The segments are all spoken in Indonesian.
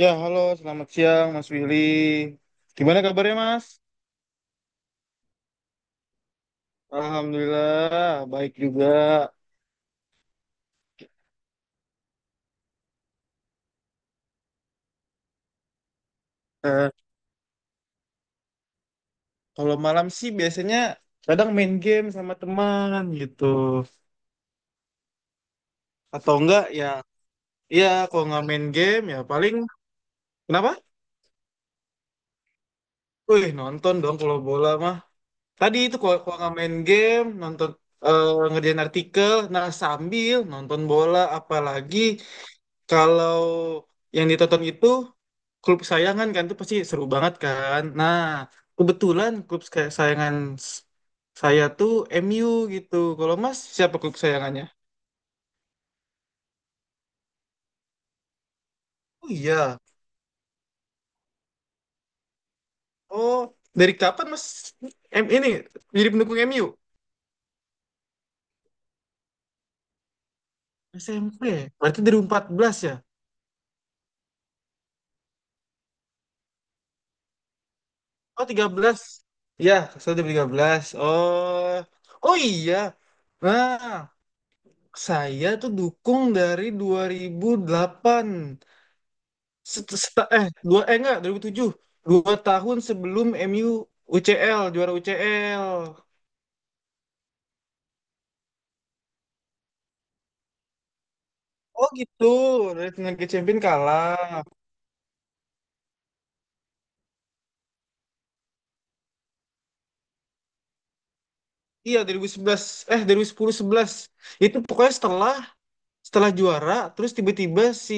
Ya, halo, selamat siang Mas Willy. Gimana kabarnya Mas? Alhamdulillah, baik juga. Eh, Kalau malam sih biasanya kadang main game sama teman gitu. Atau enggak ya, iya kalau nggak main game ya paling, kenapa? Wih, nonton dong kalau bola mah. Tadi itu kalau nggak main game, nonton, eh, ngerjain artikel, nah sambil nonton bola apalagi. Kalau yang ditonton itu klub kesayangan kan itu pasti seru banget kan. Nah, kebetulan klub kesayangan s- saya tuh MU gitu. Kalau Mas siapa klub kesayangannya? Oh iya. Oh, dari kapan Mas M ini jadi pendukung MU? SMP. Berarti dari 14 ya? Oh, 13? Ya, saya dari 13. Oh. Oh iya. Nah, saya tuh dukung dari 2008. Set- set- eh dua eh enggak 2007, dua tahun sebelum MU UCL, juara UCL. Oh gitu, dari Liga Champion kalah. Iya 2011, eh 2010 sebelas, itu pokoknya setelah setelah juara terus tiba-tiba si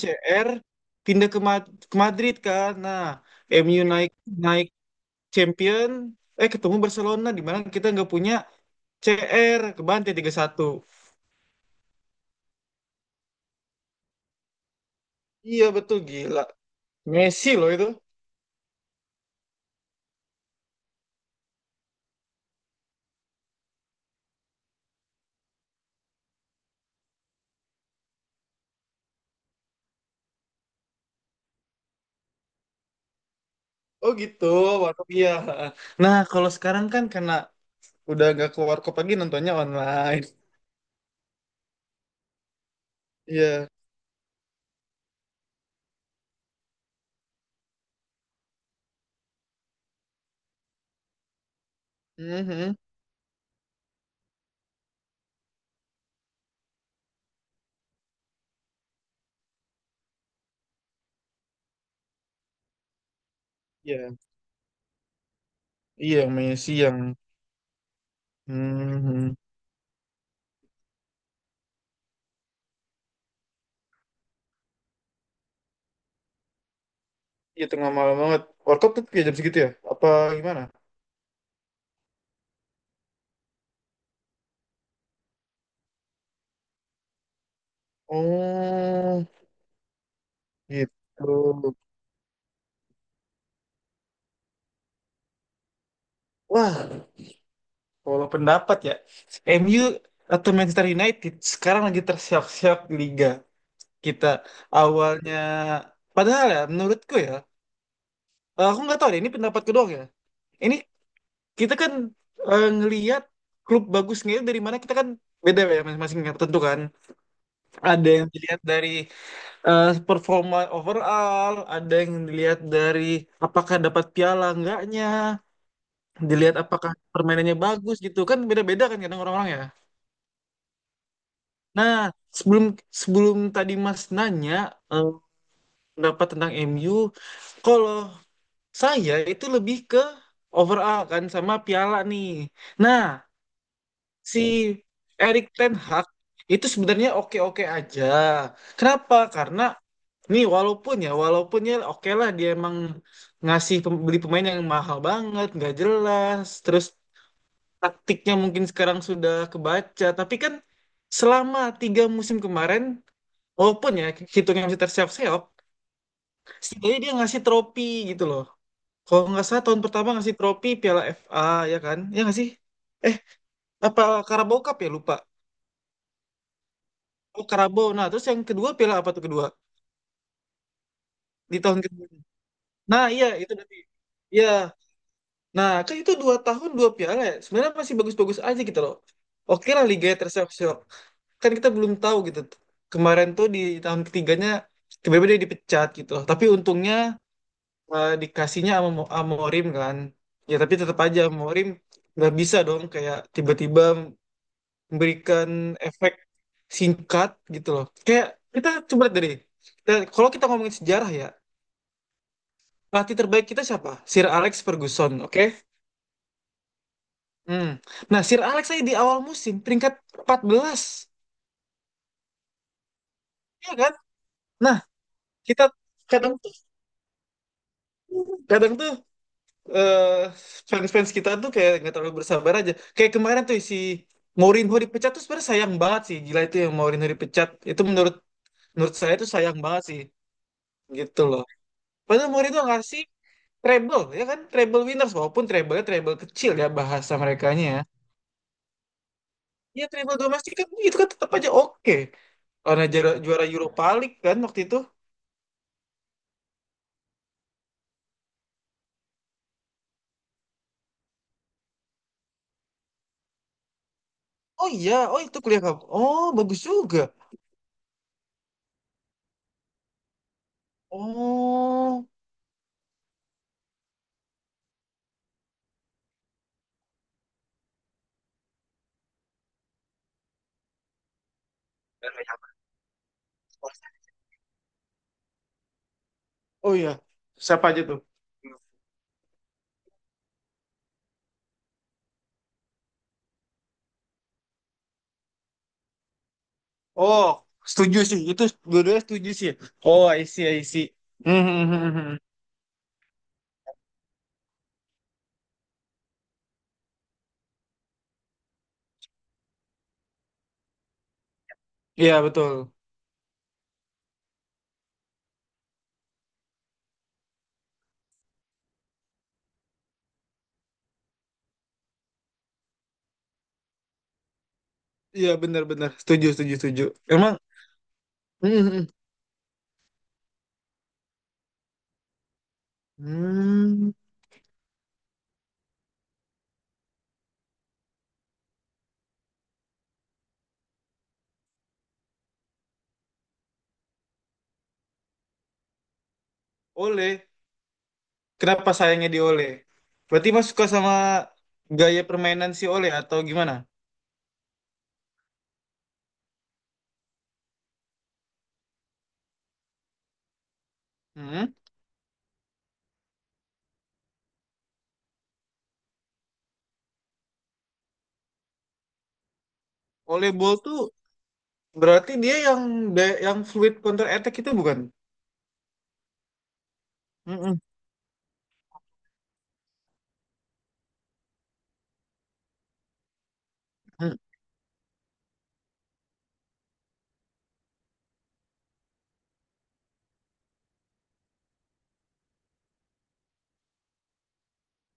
CR pindah ke, ke Madrid kan. Nah, MU naik naik Champion, eh ketemu Barcelona di mana kita nggak punya CR, kebantai 3-1. Iya betul, gila Messi loh itu. Oh gitu, warkop iya. Nah, kalau sekarang kan karena udah gak ke warkop lagi, nontonnya online. Iya. Mhm. Iya, iya mainnya siang. Mhm. Iya tengah malam banget. Warkop tuh kayak jam segitu ya? Apa gimana? Oh, gitu. Wah, kalau pendapat ya, MU atau Manchester United sekarang lagi tersiap-siap di liga kita awalnya. Padahal ya, menurutku ya, aku nggak tahu deh, ini pendapatku doang ya. Ini kita kan ngelihat klub bagusnya dari mana, kita kan beda ya masing-masing ya, tentu kan ada yang dilihat dari performa overall, ada yang dilihat dari apakah dapat piala enggaknya, dilihat apakah permainannya bagus gitu kan beda-beda kan kadang orang-orang ya. Nah, sebelum sebelum tadi Mas nanya, eh, pendapat tentang MU, kalau saya itu lebih ke overall kan sama piala nih. Nah, si Erik Ten Hag itu sebenarnya oke-oke aja. Kenapa? Karena nih walaupun ya oke lah, dia emang ngasih beli pemain yang mahal banget, nggak jelas, terus taktiknya mungkin sekarang sudah kebaca, tapi kan selama tiga musim kemarin, walaupun ya hitungnya masih terseok-seok, setidaknya dia ngasih tropi gitu loh. Kalau nggak salah tahun pertama ngasih tropi Piala FA, ya kan? Ya nggak sih? Eh, apa Carabao Cup ya lupa. Oh Karabo. Nah, terus yang kedua piala apa tuh kedua? Di tahun kedua. Nah, iya itu berarti. Iya. Nah, kan itu dua tahun dua piala ya. Sebenarnya masih bagus-bagus aja gitu loh. Oke lah Liga terseok-seok. Kan kita belum tahu gitu. Kemarin tuh di tahun ketiganya tiba-tiba dia dipecat gitu loh. Tapi untungnya dikasihnya sama sama Morim kan. Ya tapi tetap aja Morim nggak bisa dong kayak tiba-tiba memberikan efek singkat gitu loh. Kayak kita coba lihat dari, dan kalau kita ngomongin sejarah ya, pelatih terbaik kita siapa? Sir Alex Ferguson, oke? Hmm. Nah, Sir Alex saya di awal musim peringkat 14, ya kan? Nah, kita kadang tuh, kadang tuh eh, fans-fans kita tuh kayak nggak terlalu bersabar aja. Kayak kemarin tuh si Mourinho dipecat tuh sebenarnya sayang banget sih. Gila itu yang Mourinho dipecat. Itu menurut menurut saya tuh sayang banget sih, gitu loh. Padahal Mourinho ngasih treble, ya kan? Treble winners walaupun treble treble kecil ya bahasa merekanya. Ya, iya treble domestik kan itu kan tetap aja oke. Karena juara Europa League kan waktu itu. Oh iya, oh itu kuliah kamu. Oh, bagus juga. Oh, oh iya. Siapa aja tuh? Oh, setuju sih. Itu dua-duanya setuju sih. Oh, I see, I see. Hmm, hmm, hmm, hmm. Hmm. Iya, betul. Iya, benar-benar. Setuju, setuju, setuju. Emang. Hmm, hmm. Hmm. Oleh. Kenapa sayangnya di Oleh? Berarti Mas suka sama gaya permainan si Oleh atau gimana? Hmm. Oleh Ball tuh. Berarti dia yang yang fluid counter attack itu bukan? Mm-mm. Mm.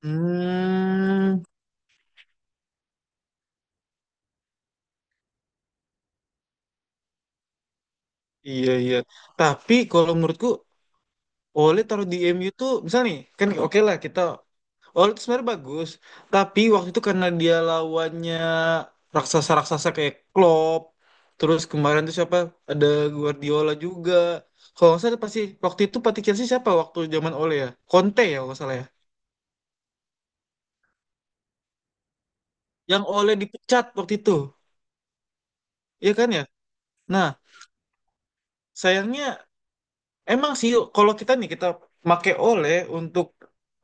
Hmm, iya iya. Tapi kalau menurutku Ole taruh di MU tuh misalnya nih, kan oke lah kita. Ole itu sebenarnya bagus, tapi waktu itu karena dia lawannya raksasa-raksasa kayak Klopp, terus kemarin tuh siapa, ada Guardiola juga. Kalau nggak salah pasti waktu itu pelatih Chelsea siapa waktu zaman Ole ya? Conte ya kalau nggak salah ya. Yang Ole dipecat waktu itu, iya kan ya? Nah, sayangnya, emang sih kalau kita nih kita make oleh untuk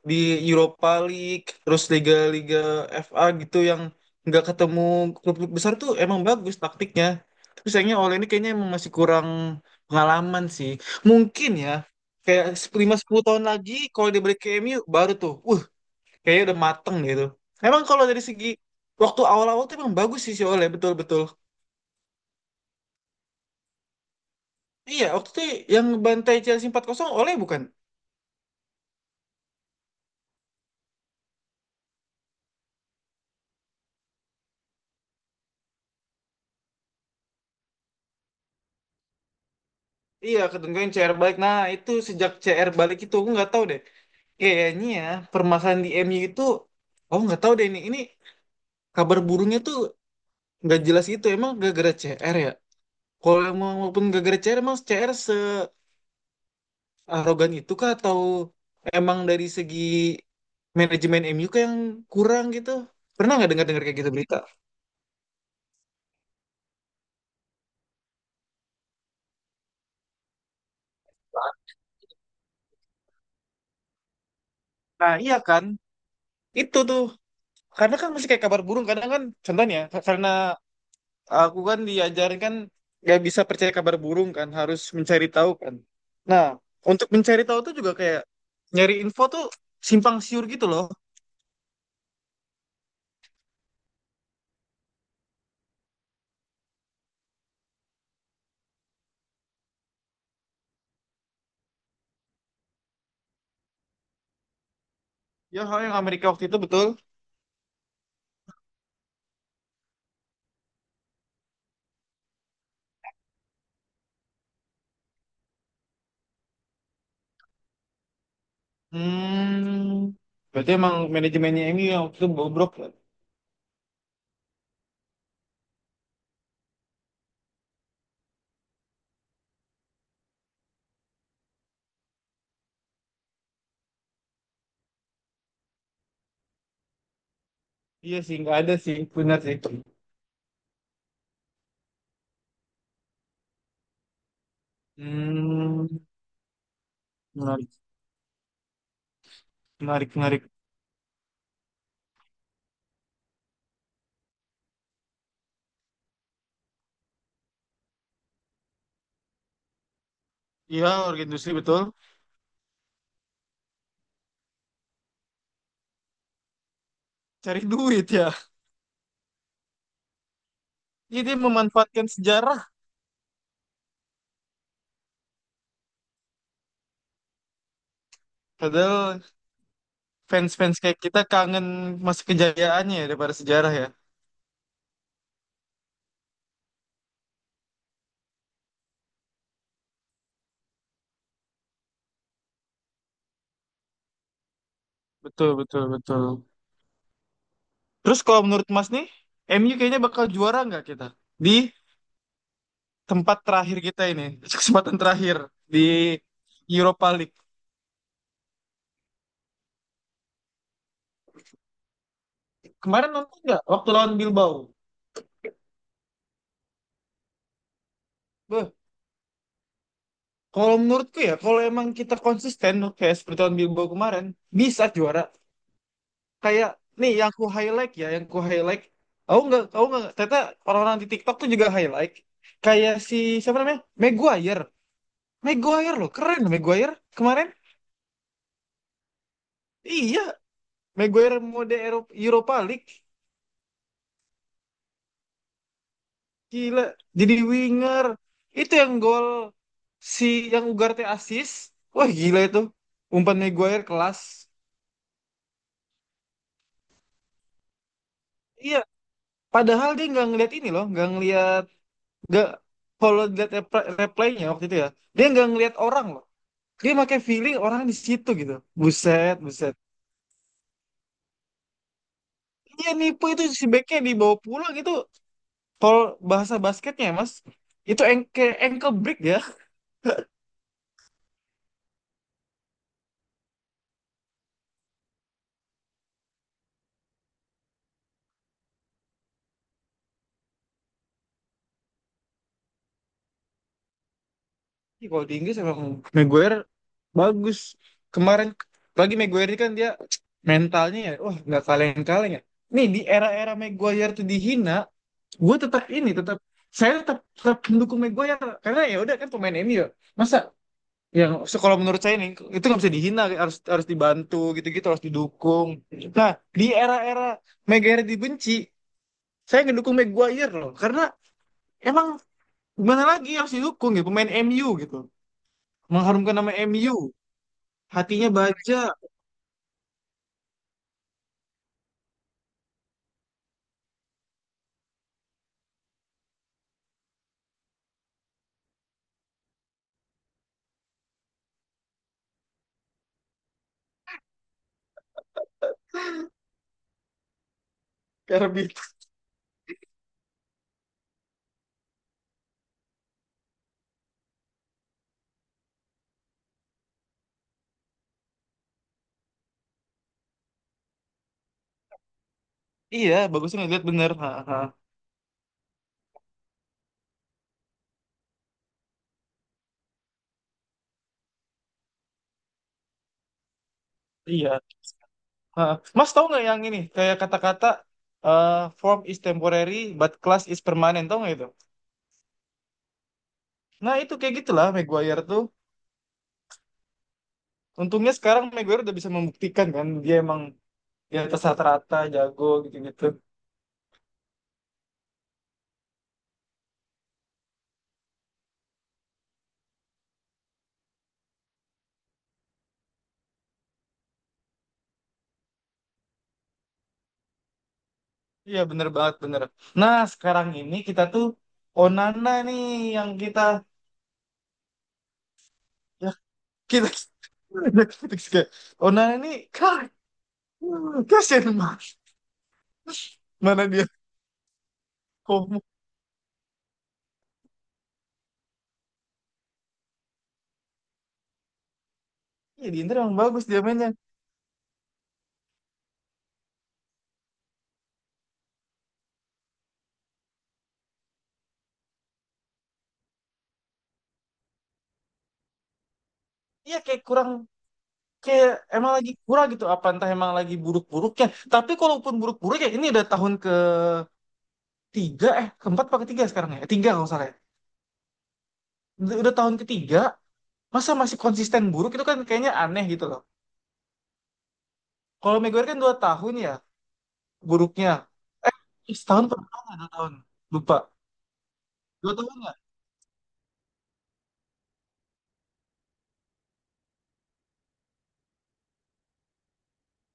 di Europa League, terus liga-liga FA gitu yang nggak ketemu klub-klub besar tuh emang bagus taktiknya. Tapi sayangnya oleh ini kayaknya emang masih kurang pengalaman sih. Mungkin ya kayak lima sepuluh tahun lagi kalau dia balik ke MU, baru tuh, kayaknya udah mateng gitu. Emang kalau dari segi waktu awal-awal tuh emang bagus sih si Oleh betul-betul. Iya, waktu itu yang bantai Chelsea empat 0 Oleh bukan? Iya, ketentuan CR balik. Nah, itu sejak CR balik itu aku nggak tahu deh. Kayaknya ya, permasalahan di MU itu, aku nggak tahu deh ini. Ini kabar burungnya tuh nggak jelas itu. Emang gara-gara CR ya? Kalau emang walaupun gara-gara CR, emang CR searogan itu kah? Atau emang dari segi manajemen MU kah yang kurang gitu? Pernah nggak dengar-dengar kayak gitu berita? Nah, iya kan? Itu tuh. Karena kan masih kayak kabar burung. Kadang kan, contohnya, karena aku kan diajarin kan gak bisa percaya kabar burung kan harus mencari tahu kan. Nah, untuk mencari tahu tuh juga kayak nyari info tuh simpang siur gitu loh. Ya hal yang Amerika waktu itu betul. Hmm, berarti emang manajemennya ini yang waktu itu bobrok ya? Iya sih nggak ada sih benar sih. Hmm. Menarik menarik menarik. Iya warga industri betul. Cari duit ya, jadi dia memanfaatkan sejarah. Padahal fans-fans kayak kita kangen masa kejayaannya ya daripada sejarah ya. Betul, betul, betul. Terus kalau menurut Mas nih, M U kayaknya bakal juara nggak kita? Di tempat terakhir kita ini, kesempatan terakhir di Europa League. Kemarin nonton nggak waktu lawan Bilbao? Beh, kalau menurutku ya, kalau emang kita konsisten kayak seperti lawan Bilbao kemarin, bisa juara. Kayak nih yang ku highlight ya, yang ku highlight. Aku nggak, aku nggak. Ternyata orang-orang di TikTok tuh juga highlight. Kayak si siapa namanya? Maguire. Maguire loh, keren Maguire kemarin. Iya, Maguire mode Europa League, gila jadi winger. Itu yang gol si yang Ugarte assist, wah gila itu umpan Maguire kelas. Iya, padahal dia nggak ngeliat ini loh, nggak ngeliat, nggak, kalau lihat replaynya waktu itu ya, dia nggak ngeliat orang loh, dia pakai feeling orang di situ gitu, buset buset. Iya nipu itu si backnya dibawa pulang itu, kalau bahasa basketnya ya mas itu ankle ankle break ya. Ih, kalau di Inggris emang Maguire bagus. Kemarin lagi Maguire ini kan dia mentalnya ya, wah nggak kaleng-kaleng ya. Nih di era-era Maguire tuh dihina, gue tetap ini tetap saya tetap tetap mendukung Maguire karena ya udah kan pemain MU. Ya. Masa yang so, kalau menurut saya nih itu nggak bisa dihina, harus harus dibantu gitu-gitu harus didukung. Nah di era-era Maguire dibenci, saya ngedukung Maguire loh karena emang gimana lagi harus didukung ya pemain MU gitu, mengharumkan nama MU. Hatinya baja. Karbit. Iya, bagusnya ngeliat bener. Ha, ha. Iya. Ha. Mas tahu nggak yang ini? Kayak kata-kata eh, form is temporary but class is permanent. Tahu nggak itu? Nah itu kayak gitulah Maguire tuh. Untungnya sekarang Maguire udah bisa membuktikan kan dia emang di atas rata-rata jago gitu-gitu. Iya bener banget bener. Nah sekarang ini kita tuh Onana nih yang kita, ya kita, kita Onana nih kan kasian mas. Mana dia. Komo. Iya di Inter emang bagus dia mainnya. Iya kayak kurang, kayak emang lagi kurang gitu. Apa entah emang lagi buruk-buruknya. Tapi kalaupun buruk-buruk ya ini udah tahun ketiga, eh keempat apa ketiga sekarang ya? Eh, tiga kalau nggak salah. Ya. Udah tahun ketiga, masa masih konsisten buruk itu kan kayaknya aneh gitu loh. Kalau Maguire kan dua tahun ya buruknya. Eh setahun pernah nggak dua tahun? Lupa. Dua tahun nggak?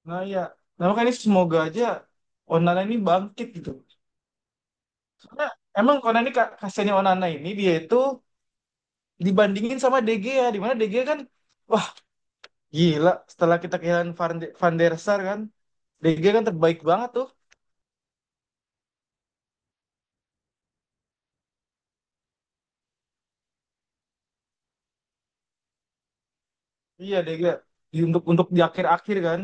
Nah iya. Nah makanya ini semoga aja Onana ini bangkit gitu. Karena emang Onana ini kasihannya Onana ini dia itu dibandingin sama De Gea di mana De Gea kan wah gila, setelah kita kehilangan Van der Sar kan, De Gea kan terbaik banget tuh. Iya De Gea. Untuk di akhir-akhir kan,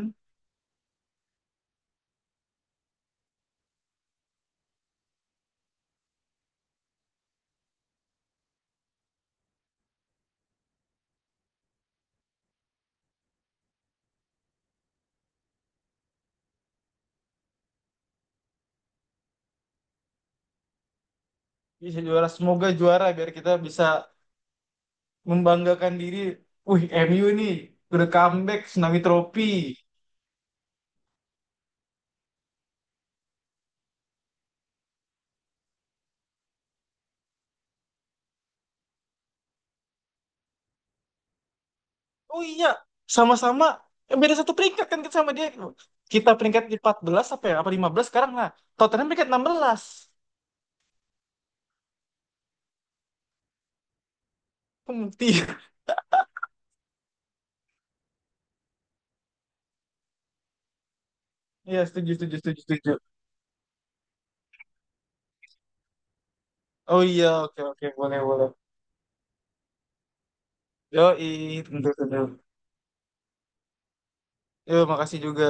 bisa juara. Semoga juara biar kita bisa membanggakan diri, wih MU nih udah comeback tsunami trofi. Oh iya, sama-sama, eh, beda satu peringkat kan kita sama dia. Kita peringkat di 14 apa ya apa 15 sekarang, nah Tottenham peringkat 16. Pembuktian. Iya, setuju, setuju, setuju, setuju. Oh iya, oke, oke, boleh, boleh. Yoi, tentu saja. Yo, makasih juga.